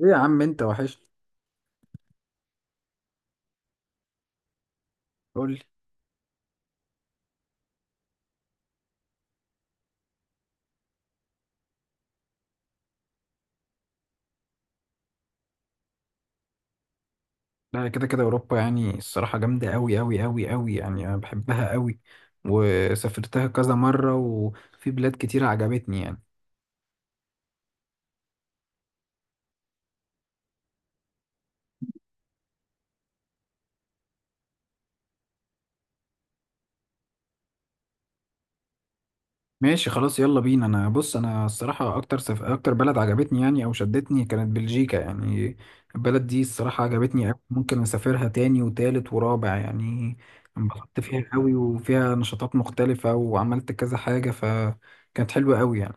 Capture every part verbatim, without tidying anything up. ايه يا عم انت وحش. قول لي. لا كده كده اوروبا يعني الصراحه جامده قوي قوي قوي قوي، يعني انا بحبها قوي وسافرتها كذا مره وفي بلاد كتير عجبتني يعني. ماشي خلاص يلا بينا. انا بص، انا الصراحه اكتر سف... اكتر بلد عجبتني يعني او شدتني كانت بلجيكا يعني. البلد دي الصراحه عجبتني قوي، ممكن اسافرها تاني وتالت ورابع يعني. انبسطت فيها قوي وفيها نشاطات مختلفه وعملت كذا حاجه فكانت حلوه قوي يعني.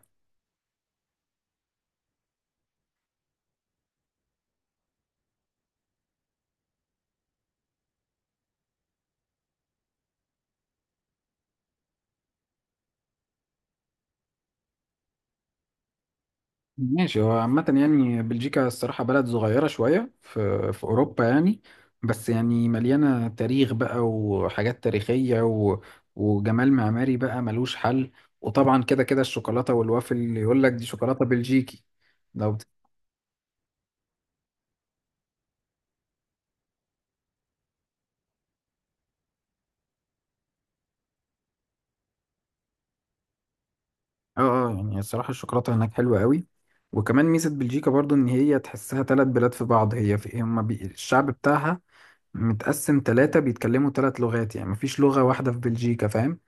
ماشي هو عامة يعني بلجيكا الصراحة بلد صغيرة شوية في في أوروبا يعني، بس يعني مليانة تاريخ بقى وحاجات تاريخية و... وجمال معماري بقى ملوش حل. وطبعا كده كده الشوكولاتة والوافل اللي يقول لك دي شوكولاتة بلجيكي. لو بت... اه اه يعني الصراحة الشوكولاتة هناك حلوة قوي. وكمان ميزة بلجيكا برضو إن هي تحسها تلات بلاد في بعض، هي في هما بي... الشعب بتاعها متقسم تلاتة بيتكلموا تلات لغات، يعني مفيش لغة واحدة في بلجيكا، فاهم؟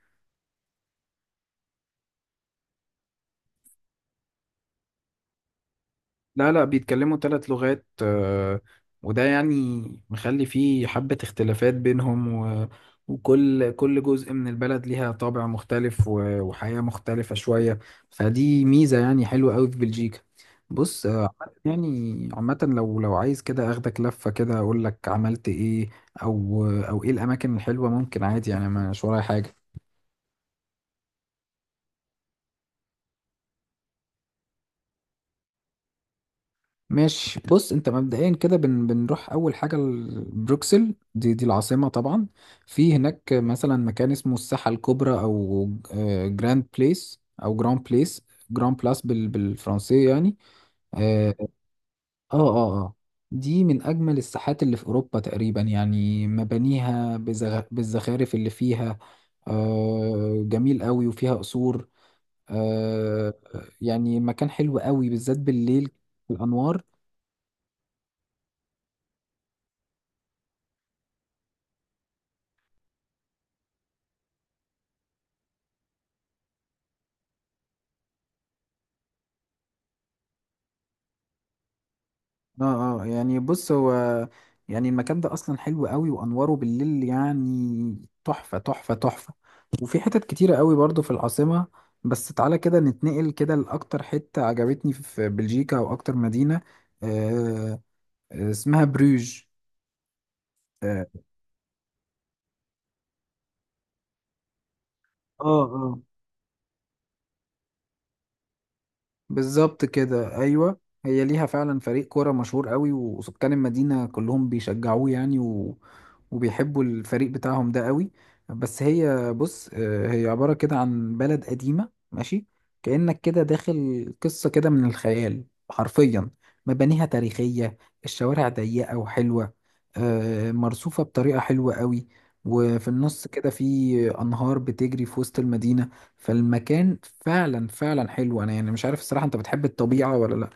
لا لا بيتكلموا ثلاث لغات، آه، وده يعني مخلي فيه حبة اختلافات بينهم و- وكل كل جزء من البلد ليها طابع مختلف و- وحياة مختلفة شوية، فدي ميزة يعني حلوة قوي في بلجيكا. بص، آه، عامة يعني عامة لو لو عايز كده اخدك لفة كده اقول لك عملت ايه او او ايه الاماكن الحلوة، ممكن عادي يعني، أنا مش ورايا حاجة. ماشي بص، انت مبدئيا كده بن بنروح اول حاجه لبروكسل، دي دي العاصمه طبعا. في هناك مثلا مكان اسمه الساحه الكبرى او آه، جراند بليس، او جراند بليس، جراند بلاس بال بالفرنسيه يعني. اه اه اه. آه. دي من اجمل الساحات اللي في اوروبا تقريبا، يعني مبانيها بزغ... بالزخارف اللي فيها آه جميل قوي، وفيها قصور آه. يعني مكان حلو قوي بالذات بالليل، الانوار. اه اه يعني بص هو يعني المكان ده اصلا حلو قوي وانواره بالليل يعني تحفة تحفة تحفة. وفي حتت كتيرة قوي برضو في العاصمة. بس تعالى كده نتنقل كده لأكتر حتة عجبتني في بلجيكا او اكتر مدينة آه. آه، اسمها بروج. اه اه. بالظبط كده ايوه، هي ليها فعلا فريق كوره مشهور قوي وسكان المدينه كلهم بيشجعوه يعني و... وبيحبوا الفريق بتاعهم ده قوي. بس هي بص آه، هي عباره كده عن بلد قديمه ماشي، كانك كده داخل قصه كده من الخيال حرفيا. مبانيها تاريخيه، الشوارع ضيقه وحلوه، آه، مرصوفه بطريقه حلوه قوي. وفي النص كده في انهار بتجري في وسط المدينه، فالمكان فعلا فعلا حلو. انا يعني مش عارف الصراحة، انت بتحب الطبيعة ولا لا؟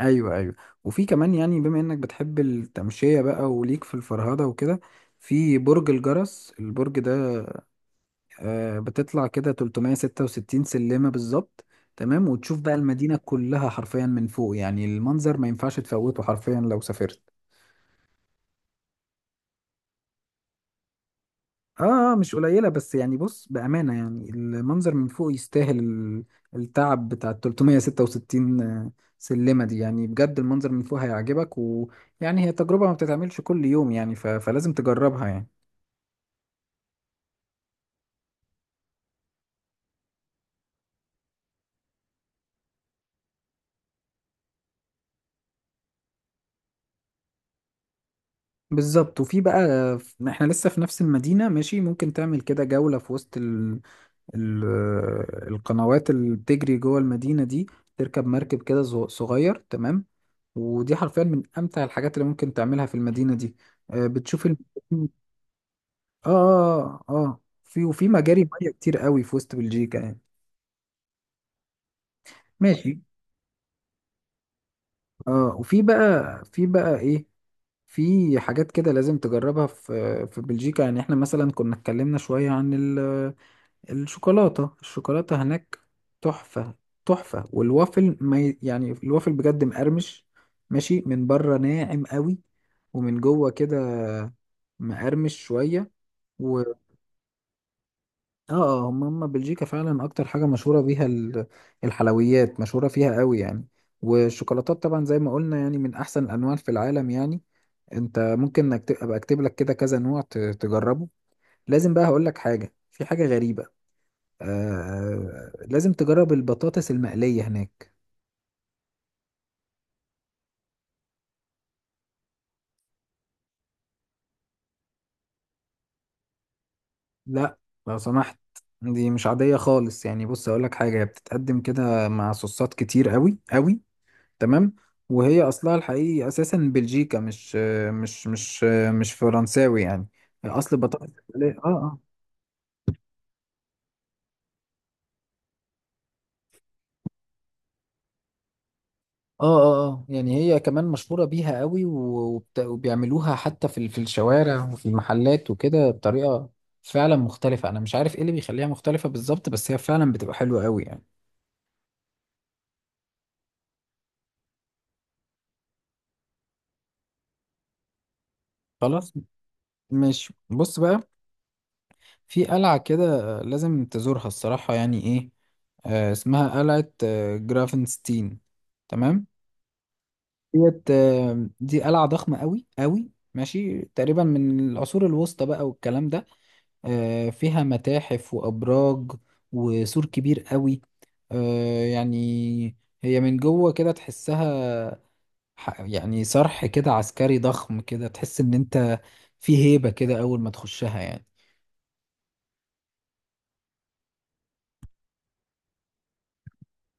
ايوه ايوه. وفي كمان يعني بما انك بتحب التمشية بقى وليك في الفرهدة وكده، في برج الجرس، البرج ده آه بتطلع كده ثلاثمية وستة وستين سلمة بالظبط تمام، وتشوف بقى المدينة كلها حرفيا من فوق، يعني المنظر ما ينفعش تفوته حرفيا لو سافرت. اه آه، مش قليله، بس يعني بص بامانه يعني المنظر من فوق يستاهل ال- التعب بتاع ال ثلاثمية وستة وستين سلمه دي، يعني بجد المنظر من فوق هيعجبك، ويعني هي تجربه ما بتتعملش كل يوم يعني ف... فلازم تجربها يعني. بالظبط. وفي بقى، احنا لسه في نفس المدينه ماشي، ممكن تعمل كده جوله في وسط ال... ال... آه، القنوات اللي بتجري جوه المدينه دي، تركب مركب كده صغ- صغير تمام. ودي حرفيا من امتع الحاجات اللي ممكن تعملها في المدينه دي، آه، بتشوف. اه اه اه في، وفي مجاري ميه كتير قوي في وسط بلجيكا يعني. ماشي اه. وفي بقى في بقى ايه، في حاجات كده لازم تجربها في في بلجيكا يعني. احنا مثلا كنا اتكلمنا شويه عن ال- الشوكولاته الشوكولاته هناك تحفه تحفه. والوافل ما ي- يعني الوافل بجد مقرمش ماشي، من بره ناعم قوي، ومن جوه كده مقرمش شويه. اه اه هم هم بلجيكا فعلا اكتر حاجة مشهورة بيها ال- الحلويات، مشهورة فيها قوي يعني. والشوكولاتات طبعا زي ما قلنا يعني من احسن الانواع في العالم يعني. انت ممكن انك ت- ابقى اكتب لك كده كذا نوع ت- تجربه. لازم بقى هقول لك حاجة، في حاجة غريبة، آه آه، لازم تجرب البطاطس المقلية هناك. لا، لو سمحت، دي مش عادية خالص يعني. بص اقول لك حاجة، هي بتتقدم كده مع صوصات كتير قوي قوي تمام. وهي اصلها الحقيقي اساسا بلجيكا، مش مش مش مش فرنساوي يعني. اصل بطاطس الإسبانية، اه اه اه اه اه. يعني هي كمان مشهورة بيها قوي و- وبت- وبيعملوها حتى في ال- في الشوارع وفي المحلات وكده بطريقة فعلا مختلفة. انا مش عارف ايه اللي بيخليها مختلفة بالظبط، بس هي فعلا بتبقى حلوة قوي يعني. خلاص ماشي، بص بقى، في قلعة كده لازم تزورها الصراحة يعني ايه، آه اسمها قلعة آه جرافنستين تمام. ديت آه، دي قلعة ضخمة قوي قوي ماشي، تقريبا من العصور الوسطى بقى والكلام ده. آه، فيها متاحف وأبراج وسور كبير قوي. آه، يعني هي من جوه كده تحسها ح- يعني صرح كده عسكري ضخم كده، تحس إن أنت في هيبة كده أول ما تخشها يعني.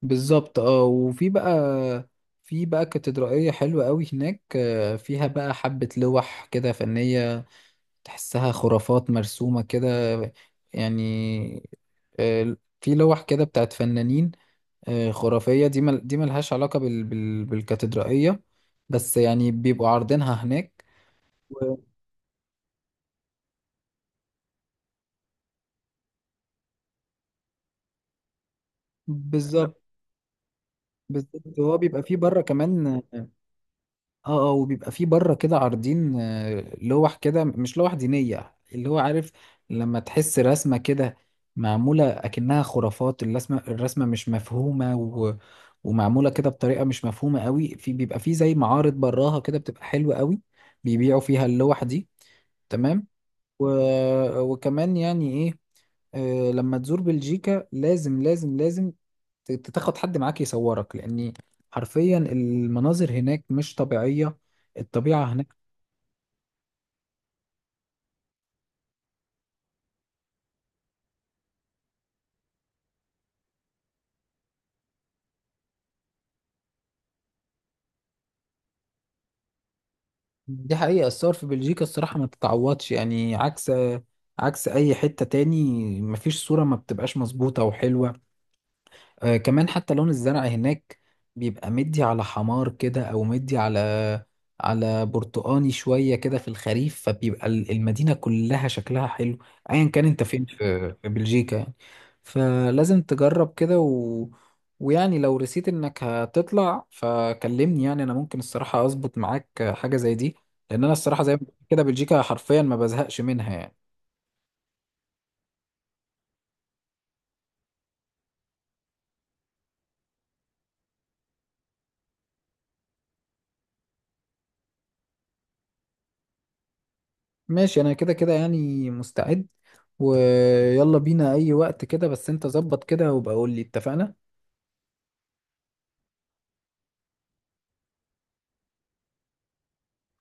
بالظبط اه. وفي بقى في بقى كاتدرائية حلوة قوي هناك، آه، فيها بقى حبة لوح كده فنية تحسها خرافات مرسومة كده يعني. آه، في لوح كده بتاعت فنانين آه، خرافية. دي مل دي ملهاش علاقة بال بال بالكاتدرائية، بس يعني بيبقوا عارضينها هناك و- بالظبط. بالظبط هو بيبقى فيه بره كمان. اه اه، وبيبقى في بره كده عارضين آه، لوح كده، مش لوح دينية اللي هو عارف، لما تحس رسمة كده معمولة أكنها خرافات، الرسمة الرسمة مش مفهومة و... ومعمولة كده بطريقة مش مفهومة قوي، في بيبقى في زي معارض براها كده بتبقى حلوة قوي، بيبيعوا فيها اللوح دي تمام. و... وكمان يعني ايه، آه، لما تزور بلجيكا لازم لازم لازم ت- تاخد حد معاك يصورك، لأن حرفيا المناظر هناك مش طبيعية، الطبيعة هناك دي حقيقة. الصور في بلجيكا الصراحة ما تتعوضش يعني، عكس عكس أي حتة تاني، مفيش صورة ما بتبقاش مظبوطة وحلوة. آه، كمان حتى لون الزرع هناك بيبقى مدي على حمار كده، او مدي على على برتقاني شوية كده في الخريف، فبيبقى ال- المدينة كلها شكلها حلو ايا كان انت فين في في بلجيكا يعني. فلازم تجرب كده و... ويعني لو رسيت انك هتطلع فكلمني، يعني انا ممكن الصراحة اظبط معاك حاجة زي دي، لان انا الصراحة زي ما بقول كده بلجيكا حرفيا ما بزهقش منها يعني. ماشي انا كده كده يعني مستعد، ويلا بينا اي وقت كده، بس انت ظبط كده وبقول لي اتفقنا.